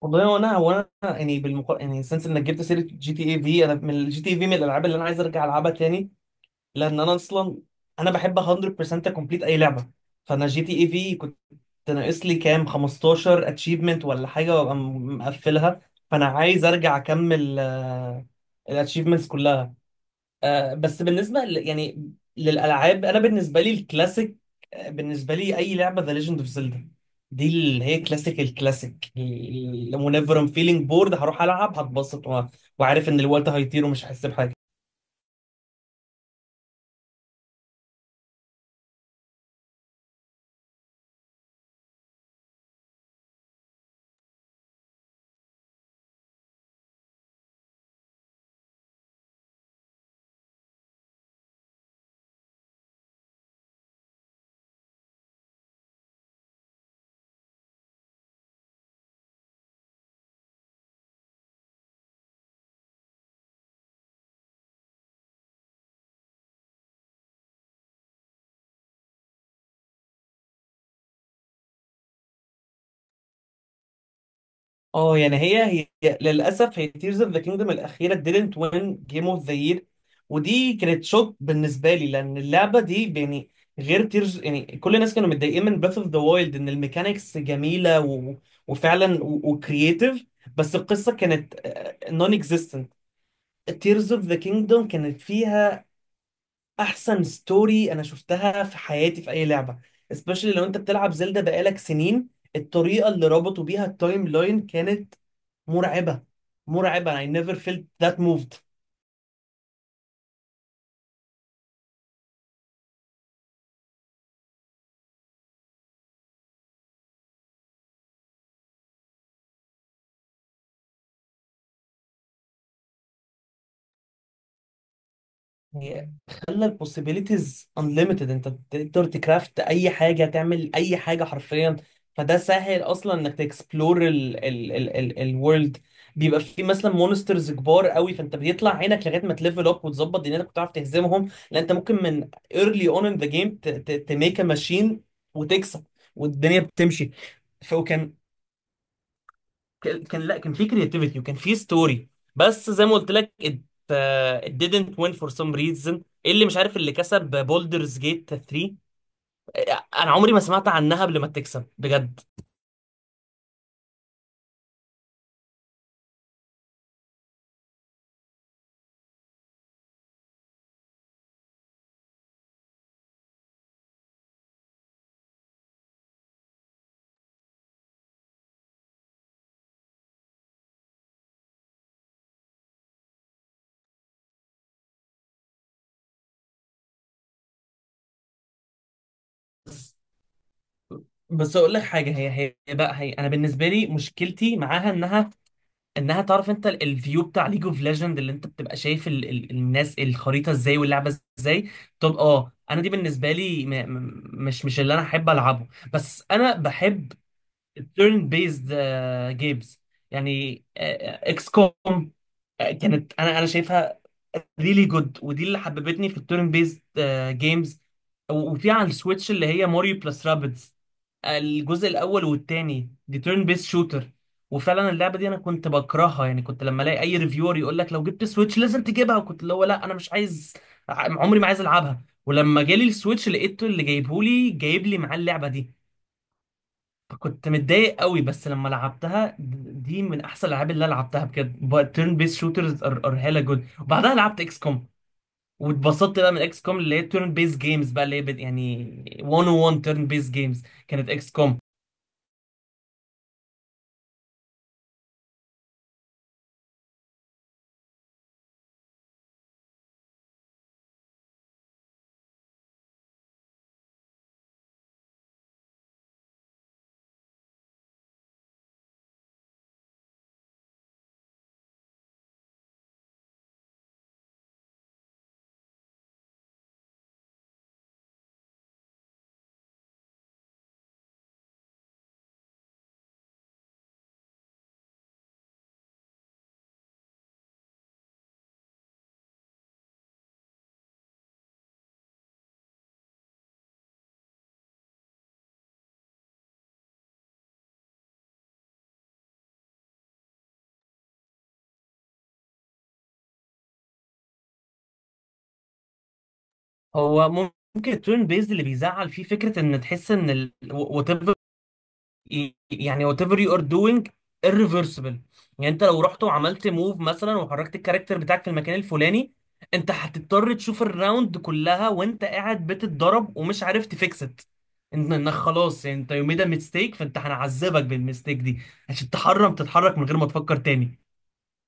والله وانا يعني يعني سنس انك جبت سيره جي تي اي في. انا من الجي تي اي في من الالعاب اللي انا عايز ارجع العبها تاني، لان انا اصلا انا بحب 100% كومبليت اي لعبه. فانا جي تي اي في كنت ناقص لي كام 15 اتشيفمنت ولا حاجه وابقى مقفلها، فانا عايز ارجع اكمل الاتشيفمنتس كلها. آه، بس يعني للالعاب، انا بالنسبه لي الكلاسيك. آه، بالنسبه لي اي لعبه ذا ليجند اوف زيلدا، دي اللي هي كلاسيك الكلاسيك. ونيفر ام فيلينج بورد، هروح العب هتبسط وعارف ان الوقت هيطير ومش هحس بحاجه. اه يعني هي للاسف هي تيرز اوف ذا كينجدم الاخيره didn't win جيم اوف ذا يير. ودي كانت شوك بالنسبه لي، لان اللعبه دي يعني غير تيرز، يعني كل الناس كانوا متضايقين من بريث اوف ذا وايلد ان الميكانيكس جميله وفعلا وكرييتيف، بس القصه كانت نون اكزيستنت. تيرز اوف ذا كينجدم كانت فيها احسن ستوري انا شفتها في حياتي في اي لعبه، especially لو انت بتلعب زلدا بقالك سنين. الطريقه اللي ربطوا بيها التايم لاين كانت مرعبه. مرعبه. I never felt that moved. يعني خلى ال possibilities unlimited، انت تقدر تكرافت اي حاجه تعمل اي حاجه حرفيا. فده سهل اصلا انك تكسبلور ال الورلد. بيبقى في مثلا مونسترز كبار قوي فانت بيطلع عينك لغايه ما تليفل اب وتظبط دنيتك وتعرف تهزمهم، لان انت ممكن من early on in the game تميك a machine وتكسب، والدنيا بتمشي. فكان ك- كان لا كان في كرياتيفيتي وكان في ستوري. بس زي ما قلت لك، it didn't win for some reason. اللي مش عارف اللي كسب بولدرز جيت 3، انا عمري ما سمعت عنها قبل ما تكسب بجد. بس بس اقول لك حاجه. هي انا بالنسبه لي مشكلتي معاها انها انها تعرف، انت الفيو بتاع ليج اوف ليجند اللي انت بتبقى شايف ال الناس الخريطه ازاي واللعبه ازاي. طب اه انا دي بالنسبه لي م م مش مش اللي انا احب العبه. بس انا بحب التيرن بيزد جيمز. يعني اكس كوم كانت، انا شايفها ريلي جود، ودي اللي حببتني في التيرن بيزد جيمز. وفي على السويتش اللي هي ماريو بلس رابيدز الجزء الاول والتاني، دي تيرن بيز شوتر. وفعلا اللعبه دي انا كنت بكرهها، يعني كنت لما الاقي اي ريفيور يقول لك لو جبت سويتش لازم تجيبها، وكنت اللي هو لا انا مش عايز، عمري ما عايز العبها. ولما جالي السويتش لقيته اللي جايبهولي جايب لي معاه اللعبه دي. كنت متضايق قوي، بس لما لعبتها دي من احسن الالعاب اللي أنا لعبتها بجد. تيرن بيس شوترز ار هيلا جود، وبعدها لعبت اكس كوم واتبسطت بقى من اكس كوم اللي هي تيرن بيس جيمز بقى اللي هي يعني 101 تيرن بيس جيمز كانت اكس كوم. هو ممكن التيرن بيس اللي بيزعل فيه فكره ان تحس ان، يعني whatever you are doing irreversible. يعني انت لو رحت وعملت موف مثلا وحركت الكاركتر بتاعك في المكان الفلاني، انت هتضطر تشوف الراوند كلها وانت قاعد بتتضرب ومش عارف تفيكس ات. انك خلاص يعني انت يو ميد ميستيك، فانت هنعذبك بالميستيك دي عشان تحرم تتحرك من غير ما تفكر تاني.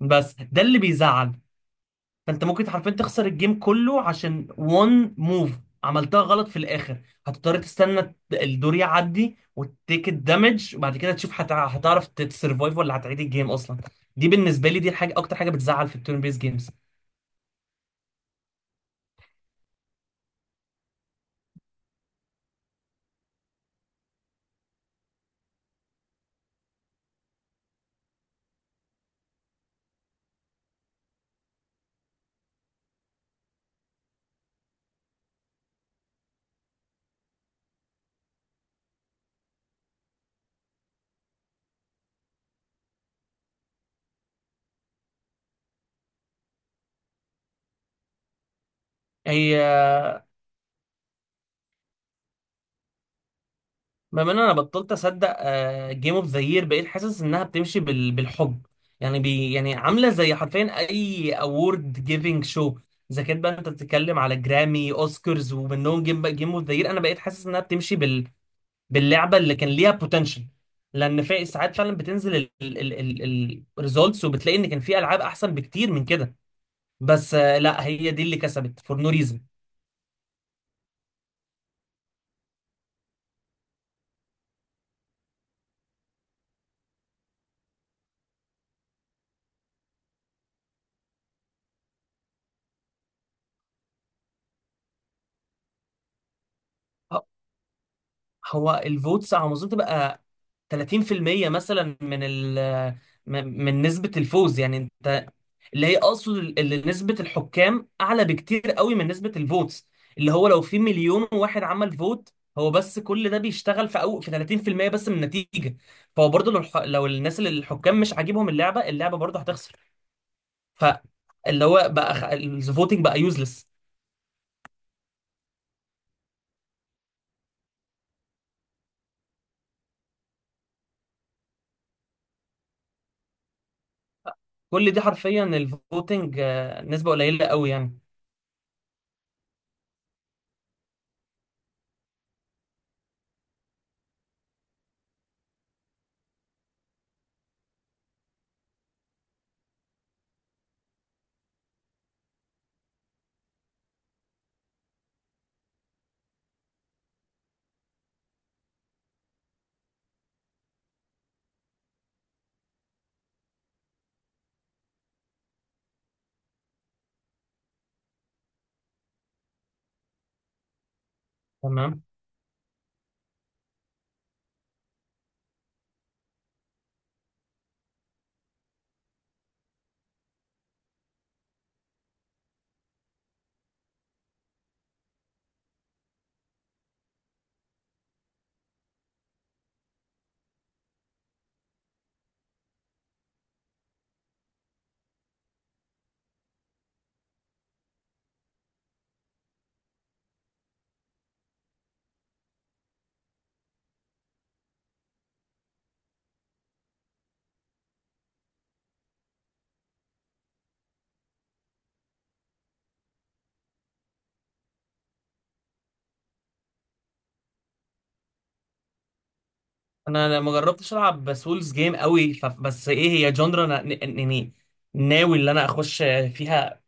بس ده اللي بيزعل. فانت ممكن حرفيا تخسر الجيم كله عشان وان موف عملتها غلط في الاخر. هتضطر تستنى الدور يعدي وتيك الدمج، وبعد كده تشوف هتعرف تسرفايف ولا هتعيد الجيم اصلا. دي بالنسبه لي دي الحاجه اكتر حاجه بتزعل في التيرن بيس جيمز. هي بما ان انا بطلت اصدق جيم اوف ذا يير، بقيت حاسس انها بتمشي بالحب. يعني بي يعني عامله زي حرفيا اي اوورد جيفنج شو. اذا كانت بقى انت بتتكلم على جرامي اوسكارز ومنهم جيم اوف ذا يير، انا بقيت حاسس انها بتمشي باللعبه اللي كان ليها بوتنشال. لان في ساعات فعلا بتنزل الريزولتس وبتلاقي ان كان في العاب احسن بكتير من كده. بس آه، لا هي دي اللي كسبت فور نو ريزن. هو الفوتس على ما اظن تبقى 30% مثلا من ال من نسبة الفوز، يعني انت اللي هي اقصد اللي نسبة الحكام اعلى بكتير قوي من نسبة الفوتس. اللي هو لو في مليون واحد عمل فوت، هو بس كل ده بيشتغل في أو في 30% بس من النتيجة. فهو برضه لو لو الناس اللي الحكام مش عاجبهم اللعبة، اللعبة برضه هتخسر. فاللي هو بقى الفوتنج بقى يوزلس. كل دي حرفيا الفوتنج آه، نسبة قليلة قوي يعني. تمام، انا ما جربتش العب سولز جيم قوي بس ايه هي جندرا انا ناوي اللي انا اخش فيها،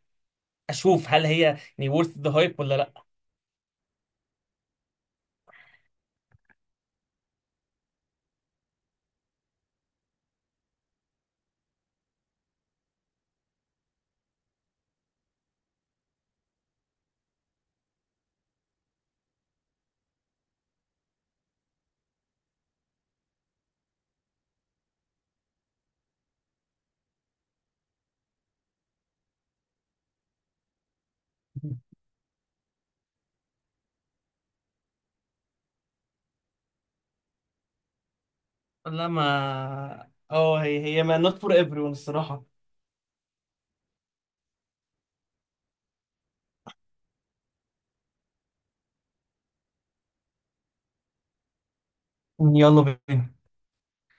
اشوف هل هي يعني worth the hype ولا لا. لا، ما اه هي ما not for everyone الصراحة. يعني يلا بينا.